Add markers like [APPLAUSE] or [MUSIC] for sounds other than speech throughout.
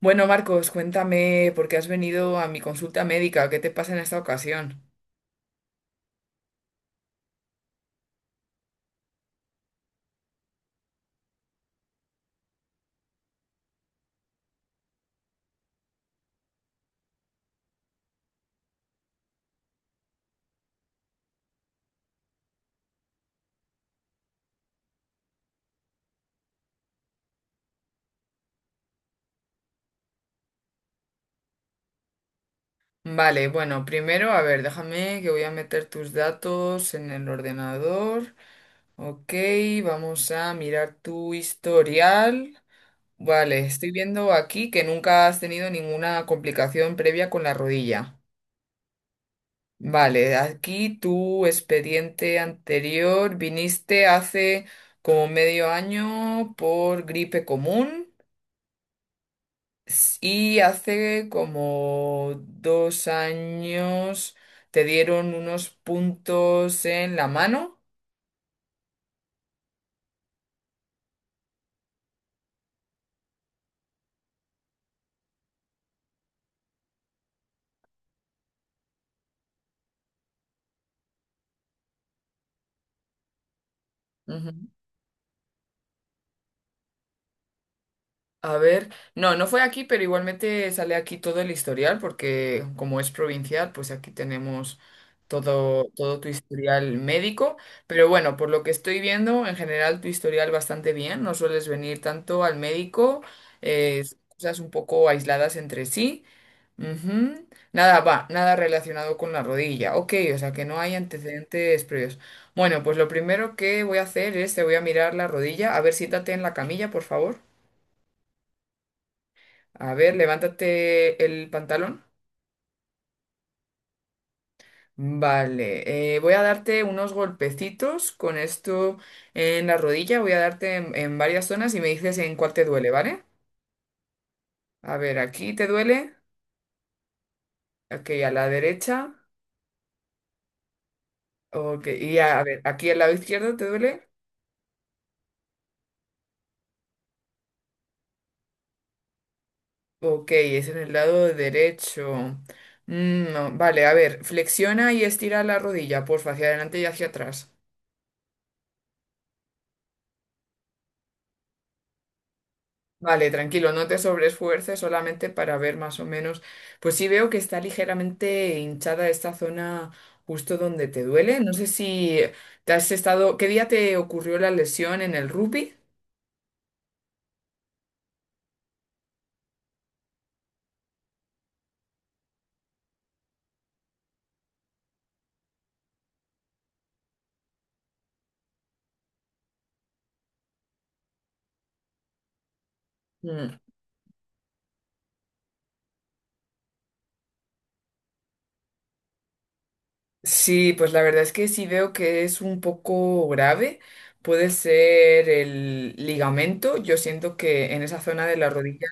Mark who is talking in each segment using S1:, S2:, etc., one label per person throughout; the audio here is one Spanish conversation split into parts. S1: Bueno, Marcos, cuéntame por qué has venido a mi consulta médica, qué te pasa en esta ocasión. Vale, bueno, primero, a ver, déjame que voy a meter tus datos en el ordenador. Ok, vamos a mirar tu historial. Vale, estoy viendo aquí que nunca has tenido ninguna complicación previa con la rodilla. Vale, aquí tu expediente anterior, viniste hace como medio año por gripe común. Y hace como dos años te dieron unos puntos en la mano. Ujú. A ver, no, no fue aquí, pero igualmente sale aquí todo el historial, porque como es provincial, pues aquí tenemos todo, todo tu historial médico. Pero bueno, por lo que estoy viendo, en general tu historial bastante bien, no sueles venir tanto al médico, cosas un poco aisladas entre sí. Ujú. Nada, va, nada relacionado con la rodilla. Ok, o sea que no hay antecedentes previos. Bueno, pues lo primero que voy a hacer es te voy a mirar la rodilla. A ver, siéntate en la camilla, por favor. A ver, levántate el pantalón. Vale, voy a darte unos golpecitos con esto en la rodilla, voy a darte en varias zonas y me dices en cuál te duele, ¿vale? A ver, aquí te duele, ok, a la derecha, ok, a ver, aquí al lado izquierdo te duele, ok, es en el lado derecho. No, vale, a ver, flexiona y estira la rodilla, porfa, hacia adelante y hacia atrás. Vale, tranquilo, no te sobreesfuerces solamente para ver más o menos. Pues sí veo que está ligeramente hinchada esta zona justo donde te duele. No sé si te has estado. ¿Qué día te ocurrió la lesión en el rugby? Mm. Sí, pues la verdad es que sí veo que es un poco grave. Puede ser el ligamento. Yo siento que en esa zona de la rodilla.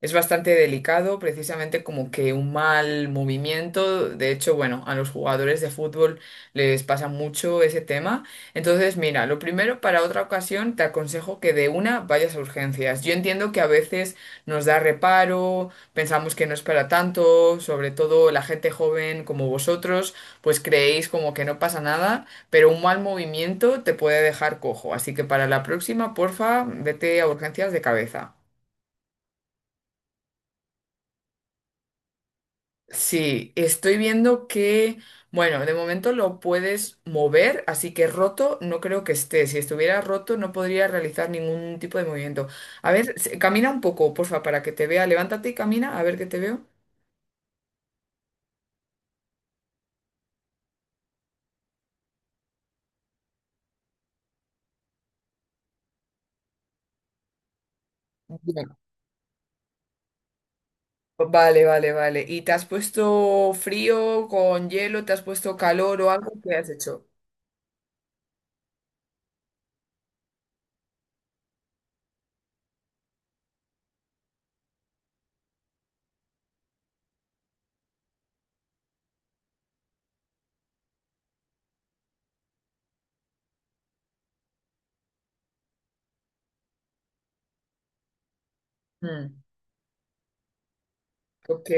S1: Es bastante delicado, precisamente como que un mal movimiento. De hecho, bueno, a los jugadores de fútbol les pasa mucho ese tema. Entonces, mira, lo primero para otra ocasión te aconsejo que de una vayas a urgencias. Yo entiendo que a veces nos da reparo, pensamos que no es para tanto, sobre todo la gente joven como vosotros, pues creéis como que no pasa nada, pero un mal movimiento te puede dejar cojo. Así que para la próxima, porfa, vete a urgencias de cabeza. Sí, estoy viendo que, bueno, de momento lo puedes mover, así que roto no creo que esté. Si estuviera roto no podría realizar ningún tipo de movimiento. A ver, camina un poco, porfa, para que te vea. Levántate y camina, a ver que te veo. Bien. Vale, vale. ¿Y te has puesto frío con hielo? ¿Te has puesto calor o algo? ¿Qué has hecho? Mm, ok.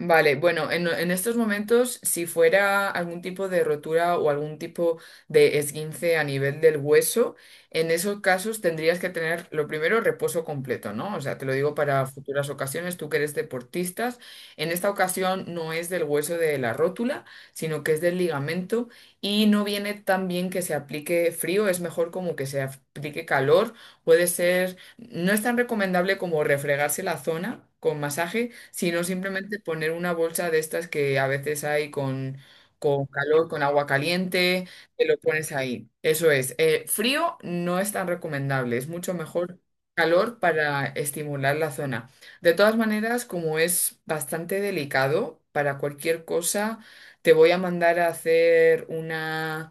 S1: Vale, bueno, en estos momentos, si fuera algún tipo de rotura o algún tipo de esguince a nivel del hueso, en esos casos tendrías que tener lo primero reposo completo, ¿no? O sea, te lo digo para futuras ocasiones, tú que eres deportistas, en esta ocasión no es del hueso de la rótula, sino que es del ligamento y no viene tan bien que se aplique frío, es mejor como que se aplique calor, puede ser, no es tan recomendable como refregarse la zona con masaje, sino simplemente poner una bolsa de estas que a veces hay con calor, con agua caliente, te lo pones ahí. Eso es. Frío no es tan recomendable, es mucho mejor calor para estimular la zona. De todas maneras, como es bastante delicado, para cualquier cosa te voy a mandar a hacer una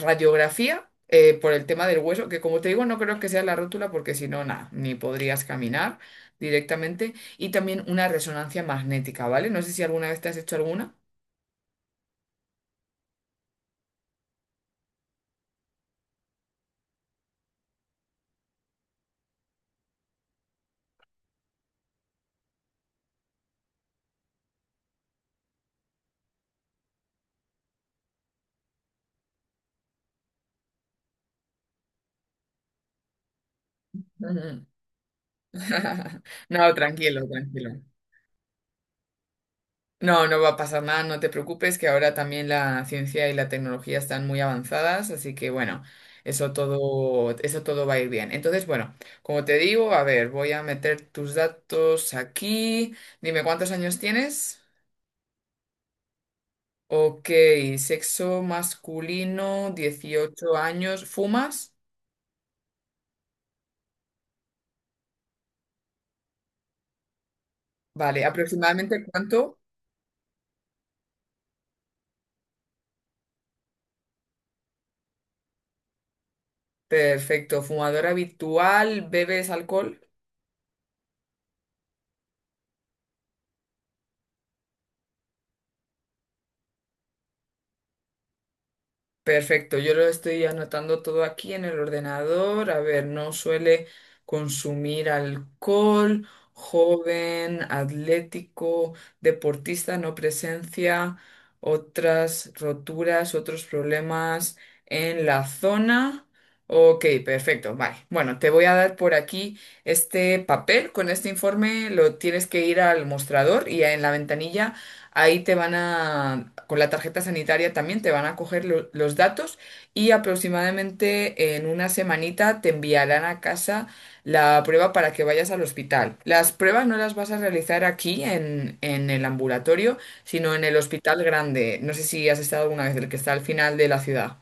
S1: radiografía por el tema del hueso, que como te digo, no creo que sea la rótula porque si no, nada, ni podrías caminar directamente, y también una resonancia magnética, ¿vale? No sé si alguna vez te has hecho alguna. Ujú. [LAUGHS] No, tranquilo, tranquilo. No, no va a pasar nada, no te preocupes, que ahora también la ciencia y la tecnología están muy avanzadas, así que bueno, eso todo va a ir bien. Entonces, bueno, como te digo, a ver, voy a meter tus datos aquí. Dime, ¿cuántos años tienes? Ok, sexo masculino, 18 años, ¿fumas? Vale, ¿aproximadamente cuánto? Perfecto, fumador habitual, ¿bebes alcohol? Perfecto, yo lo estoy anotando todo aquí en el ordenador. A ver, no suele consumir alcohol, joven, atlético, deportista, no presencia, otras roturas, otros problemas en la zona. Ok, perfecto, vale. Bueno, te voy a dar por aquí este papel con este informe, lo tienes que ir al mostrador y en la ventanilla. Ahí te van a, con la tarjeta sanitaria también te van a coger los datos y aproximadamente en una semanita te enviarán a casa la prueba para que vayas al hospital. Las pruebas no las vas a realizar aquí en el ambulatorio, sino en el hospital grande. No sé si has estado alguna vez, el que está al final de la ciudad.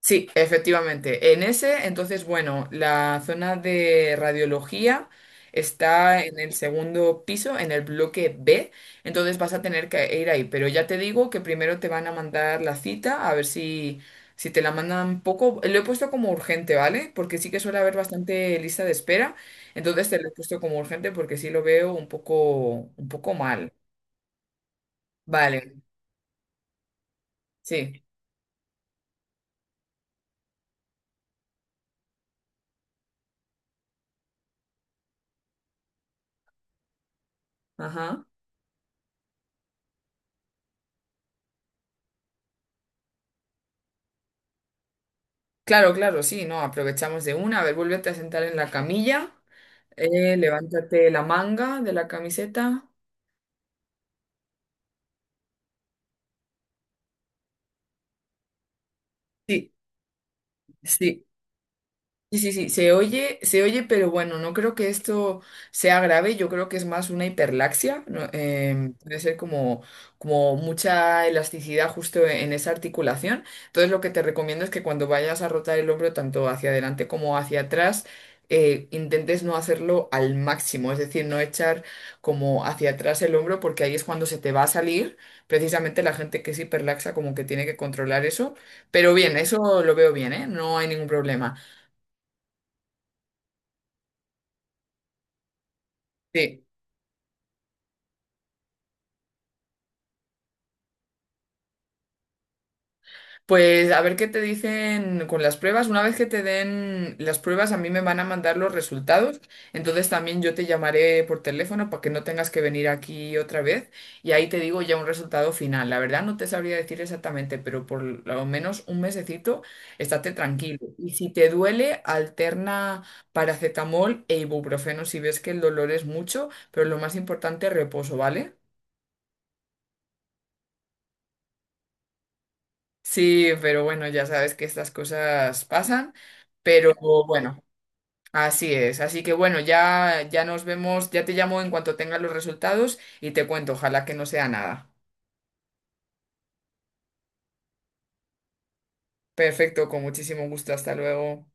S1: Sí, efectivamente. En ese, entonces, bueno, la zona de radiología está en el segundo piso, en el bloque B, entonces vas a tener que ir ahí. Pero ya te digo que primero te van a mandar la cita, a ver si te la mandan poco. Lo he puesto como urgente, ¿vale? Porque sí que suele haber bastante lista de espera, entonces te lo he puesto como urgente porque sí lo veo un poco mal. Vale, sí. Ajá. Claro, claro, sí, no, aprovechamos de una. A ver, vuélvete a sentar en la camilla. Levántate la manga de la camiseta. Sí, sí. Sí, sí, sí, se oye, pero bueno, no creo que esto sea grave, yo creo que es más una hiperlaxia, ¿no? Puede ser como, como mucha elasticidad justo en esa articulación. Entonces lo que te recomiendo es que cuando vayas a rotar el hombro tanto hacia adelante como hacia atrás, intentes no hacerlo al máximo, es decir, no echar como hacia atrás el hombro porque ahí es cuando se te va a salir. Precisamente la gente que es hiperlaxa como que tiene que controlar eso, pero bien, eso lo veo bien, ¿eh? No hay ningún problema. Sí. Pues a ver qué te dicen con las pruebas. Una vez que te den las pruebas, a mí me van a mandar los resultados. Entonces también yo te llamaré por teléfono para que no tengas que venir aquí otra vez. Y ahí te digo ya un resultado final. La verdad no te sabría decir exactamente, pero por lo menos un mesecito estate tranquilo. Y si te duele, alterna paracetamol e ibuprofeno si ves que el dolor es mucho, pero lo más importante, reposo, ¿vale? Sí, pero bueno, ya sabes que estas cosas pasan. Pero bueno. Así es, así que bueno, ya, ya nos vemos, ya te llamo en cuanto tenga los resultados y te cuento, ojalá que no sea nada. Perfecto, con muchísimo gusto, hasta luego.